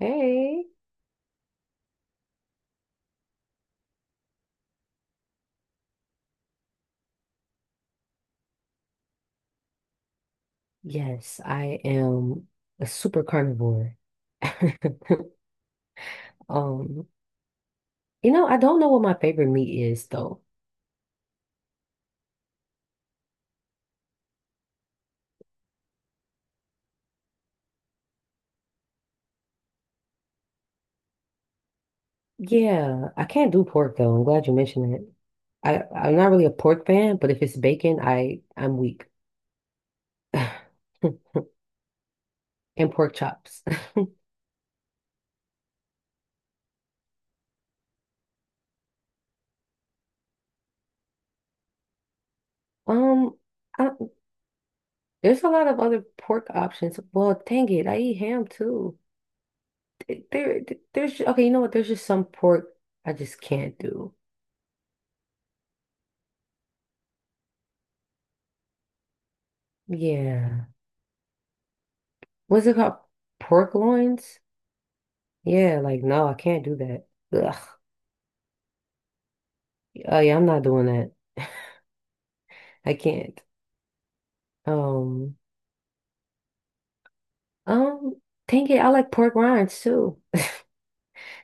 Hey. Yes, I am a super carnivore. Um, I don't know what my favorite meat is though. Yeah, I can't do pork though. I'm glad you mentioned it. I'm not really a pork fan, but if it's bacon, I'm weak. And pork chops. Um, I, there's a lot of other pork options. Well, dang it, I eat ham too. There, there- there's okay. You know what? There's just some pork I just can't do. Yeah. What's it called? Pork loins? Yeah, like no, I can't do that. Ugh. Oh yeah, I'm not doing that. I can't. Um, um, Dang it, I like pork rinds too.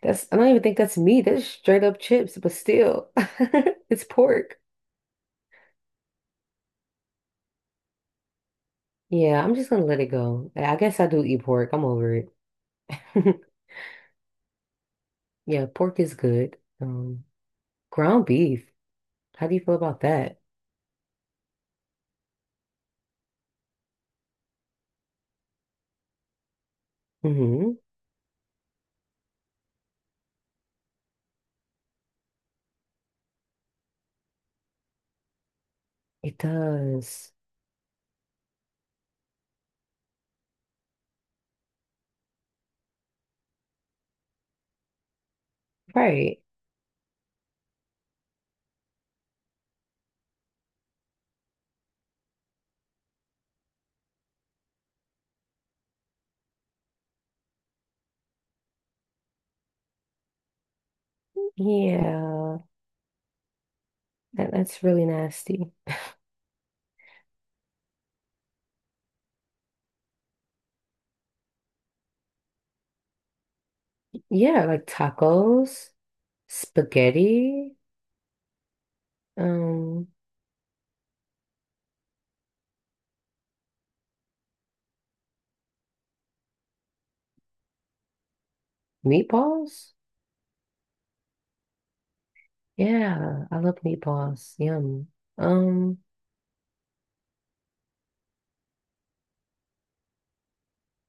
That's I don't even think that's meat. That's straight up chips, but still, it's pork. Yeah, I'm just gonna let it go. I guess I do eat pork. I'm over it. Yeah, pork is good. Ground beef. How do you feel about that? Mm-hmm. It does. Right. Yeah, that's really nasty. Yeah, like tacos, spaghetti, um, meatballs. Yeah, I love meatballs. Yum. Um,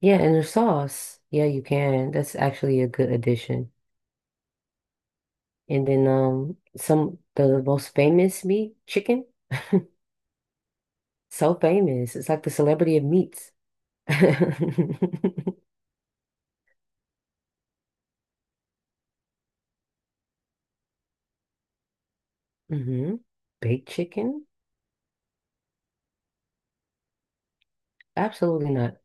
yeah, and the sauce. Yeah, you can. That's actually a good addition. And then some the most famous meat, chicken. So famous. It's like the celebrity of meats. hmm Baked chicken? Absolutely not.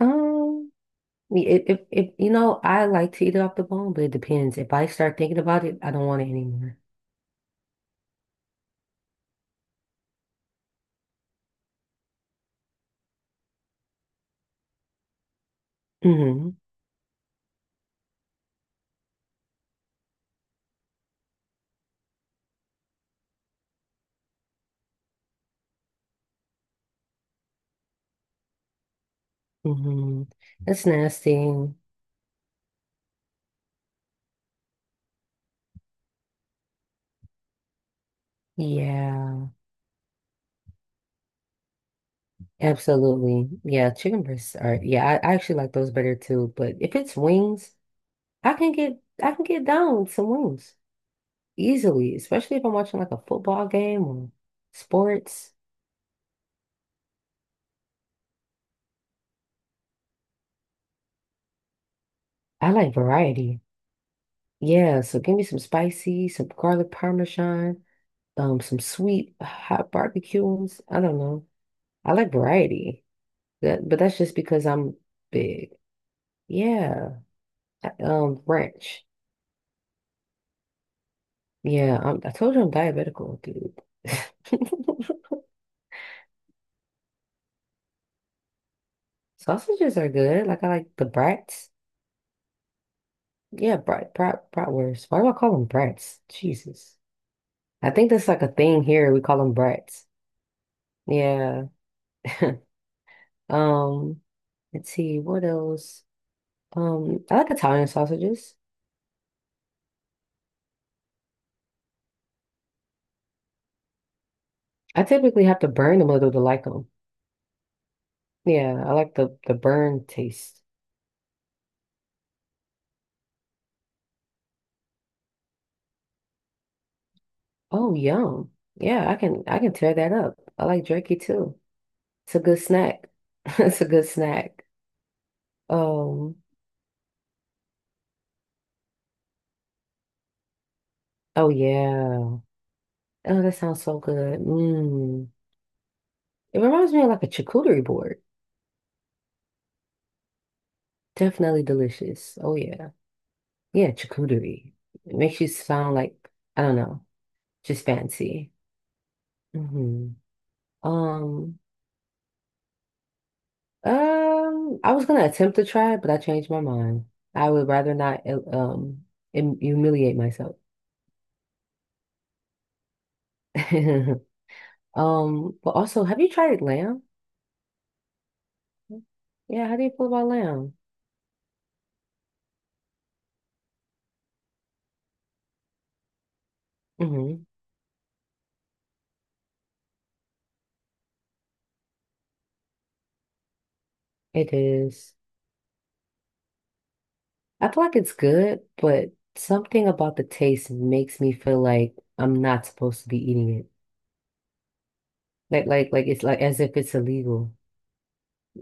Um if you know, I like to eat it off the bone, but it depends. If I start thinking about it, I don't want it anymore. Hmm hmm That's nasty. Yeah, absolutely. Yeah, chicken breasts are. Yeah, I actually like those better too. But if it's wings, I can get down with some wings easily, especially if I'm watching like a football game or sports. I like variety. Yeah, so give me some spicy, some garlic parmesan, some sweet hot barbecues. I don't know. I like variety. That, but that's just because I'm big. Yeah. Ranch. Yeah, I told you I'm diabetical, dude. Sausages are good. Like I like the brats. Yeah, bratwurst. Why do I call them brats? Jesus. I think that's like a thing here. We call them brats. Yeah. Um, let's see, what else? I like Italian sausages. I typically have to burn them a little to like them. Yeah, I like the burn taste. Oh, yum. Yeah, I can tear that up. I like jerky too. It's a good snack. It's a good snack. Um, oh yeah. Oh, that sounds so good. Mm. It reminds me of like a charcuterie board. Definitely delicious. Oh yeah. Yeah, charcuterie. It makes you sound like, I don't know, just fancy. Hmm Um, I was gonna attempt to try it, but I changed my mind. I would rather not hum- humiliate myself. But also, have you tried lamb? Yeah, how do you feel about lamb? Mm-hmm. It is. I feel like it's good, but something about the taste makes me feel like I'm not supposed to be eating it. It's like as if it's illegal.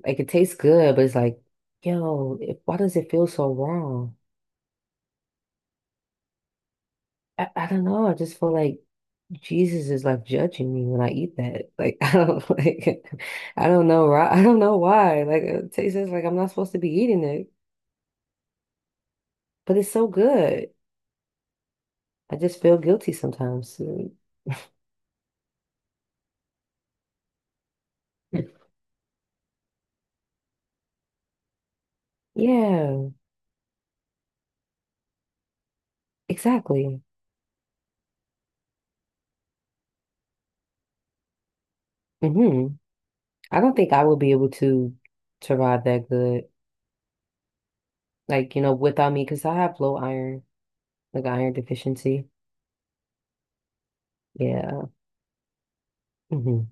Like it tastes good, but it's like, yo, it, why does it feel so wrong? I don't know. I just feel like Jesus is like judging me when I eat that. Like I don't like I don't know right. I don't know why. Like it tastes like I'm not supposed to be eating it, but it's so good. I just feel guilty sometimes. Mm, yeah, exactly. hmm I don't think I would be able to ride that good. Like, you know, without me, because I have low iron, like iron deficiency. Yeah. hmm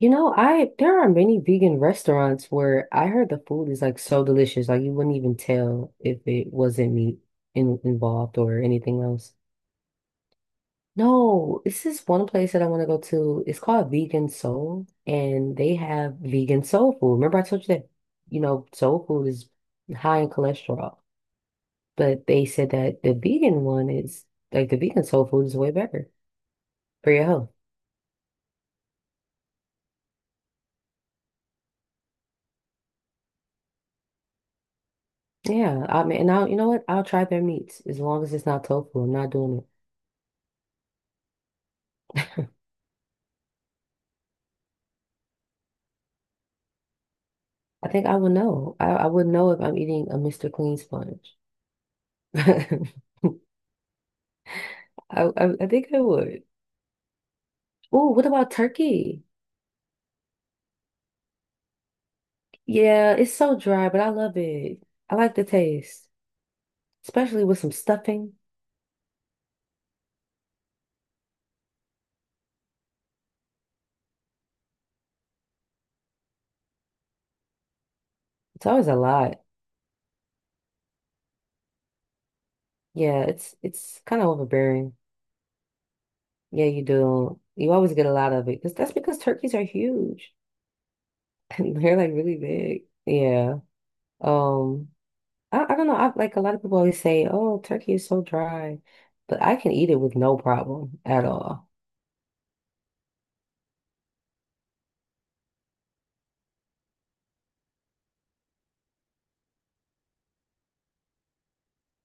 You know, I there are many vegan restaurants where I heard the food is like so delicious, like you wouldn't even tell if it wasn't meat involved or anything else. No, this is one place that I want to go to. It's called Vegan Soul, and they have vegan soul food. Remember I told you that, you know, soul food is high in cholesterol, but they said that the vegan one is like the vegan soul food is way better for your health. Yeah, I mean, you know what? I'll try their meats as long as it's not tofu. I'm not doing it. I think I would know. I would know if I'm eating a Mr. Clean sponge. I think I would. Oh, what about turkey? Yeah, it's so dry, but I love it. I like the taste, especially with some stuffing. It's always a lot. It's kind of overbearing. Yeah, you do. You always get a lot of it because that's because turkeys are huge. They're like really big. Yeah. Um, I don't know. I like a lot of people always say, "Oh, turkey is so dry," but I can eat it with no problem at all.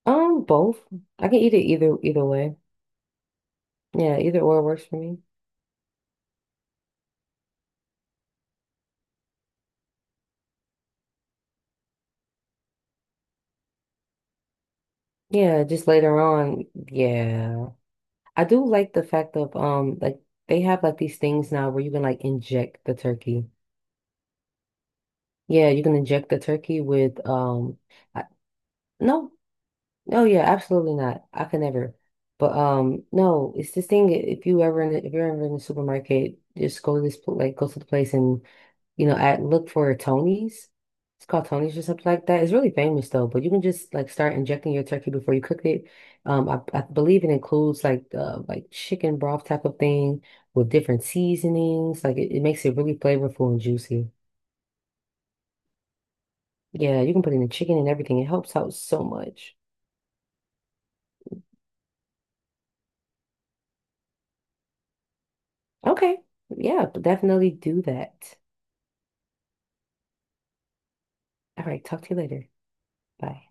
Both. I can eat it either way. Yeah, either or works for me. Yeah, just later on. Yeah, I do like the fact of like they have like these things now where you can like inject the turkey. Yeah, you can inject the turkey with I, no. Oh yeah, absolutely not. I could never. But no, it's this thing. If you ever in the, if you're ever in the supermarket, just go to this pl- like go to the place and you know at look for Tony's. It's called Tony's or something like that. It's really famous though. But you can just like start injecting your turkey before you cook it. I believe it includes like chicken broth type of thing with different seasonings. Like it makes it really flavorful and juicy. Yeah, you can put in the chicken and everything. It helps out so much. Okay, yeah, definitely do that. All right, talk to you later. Bye.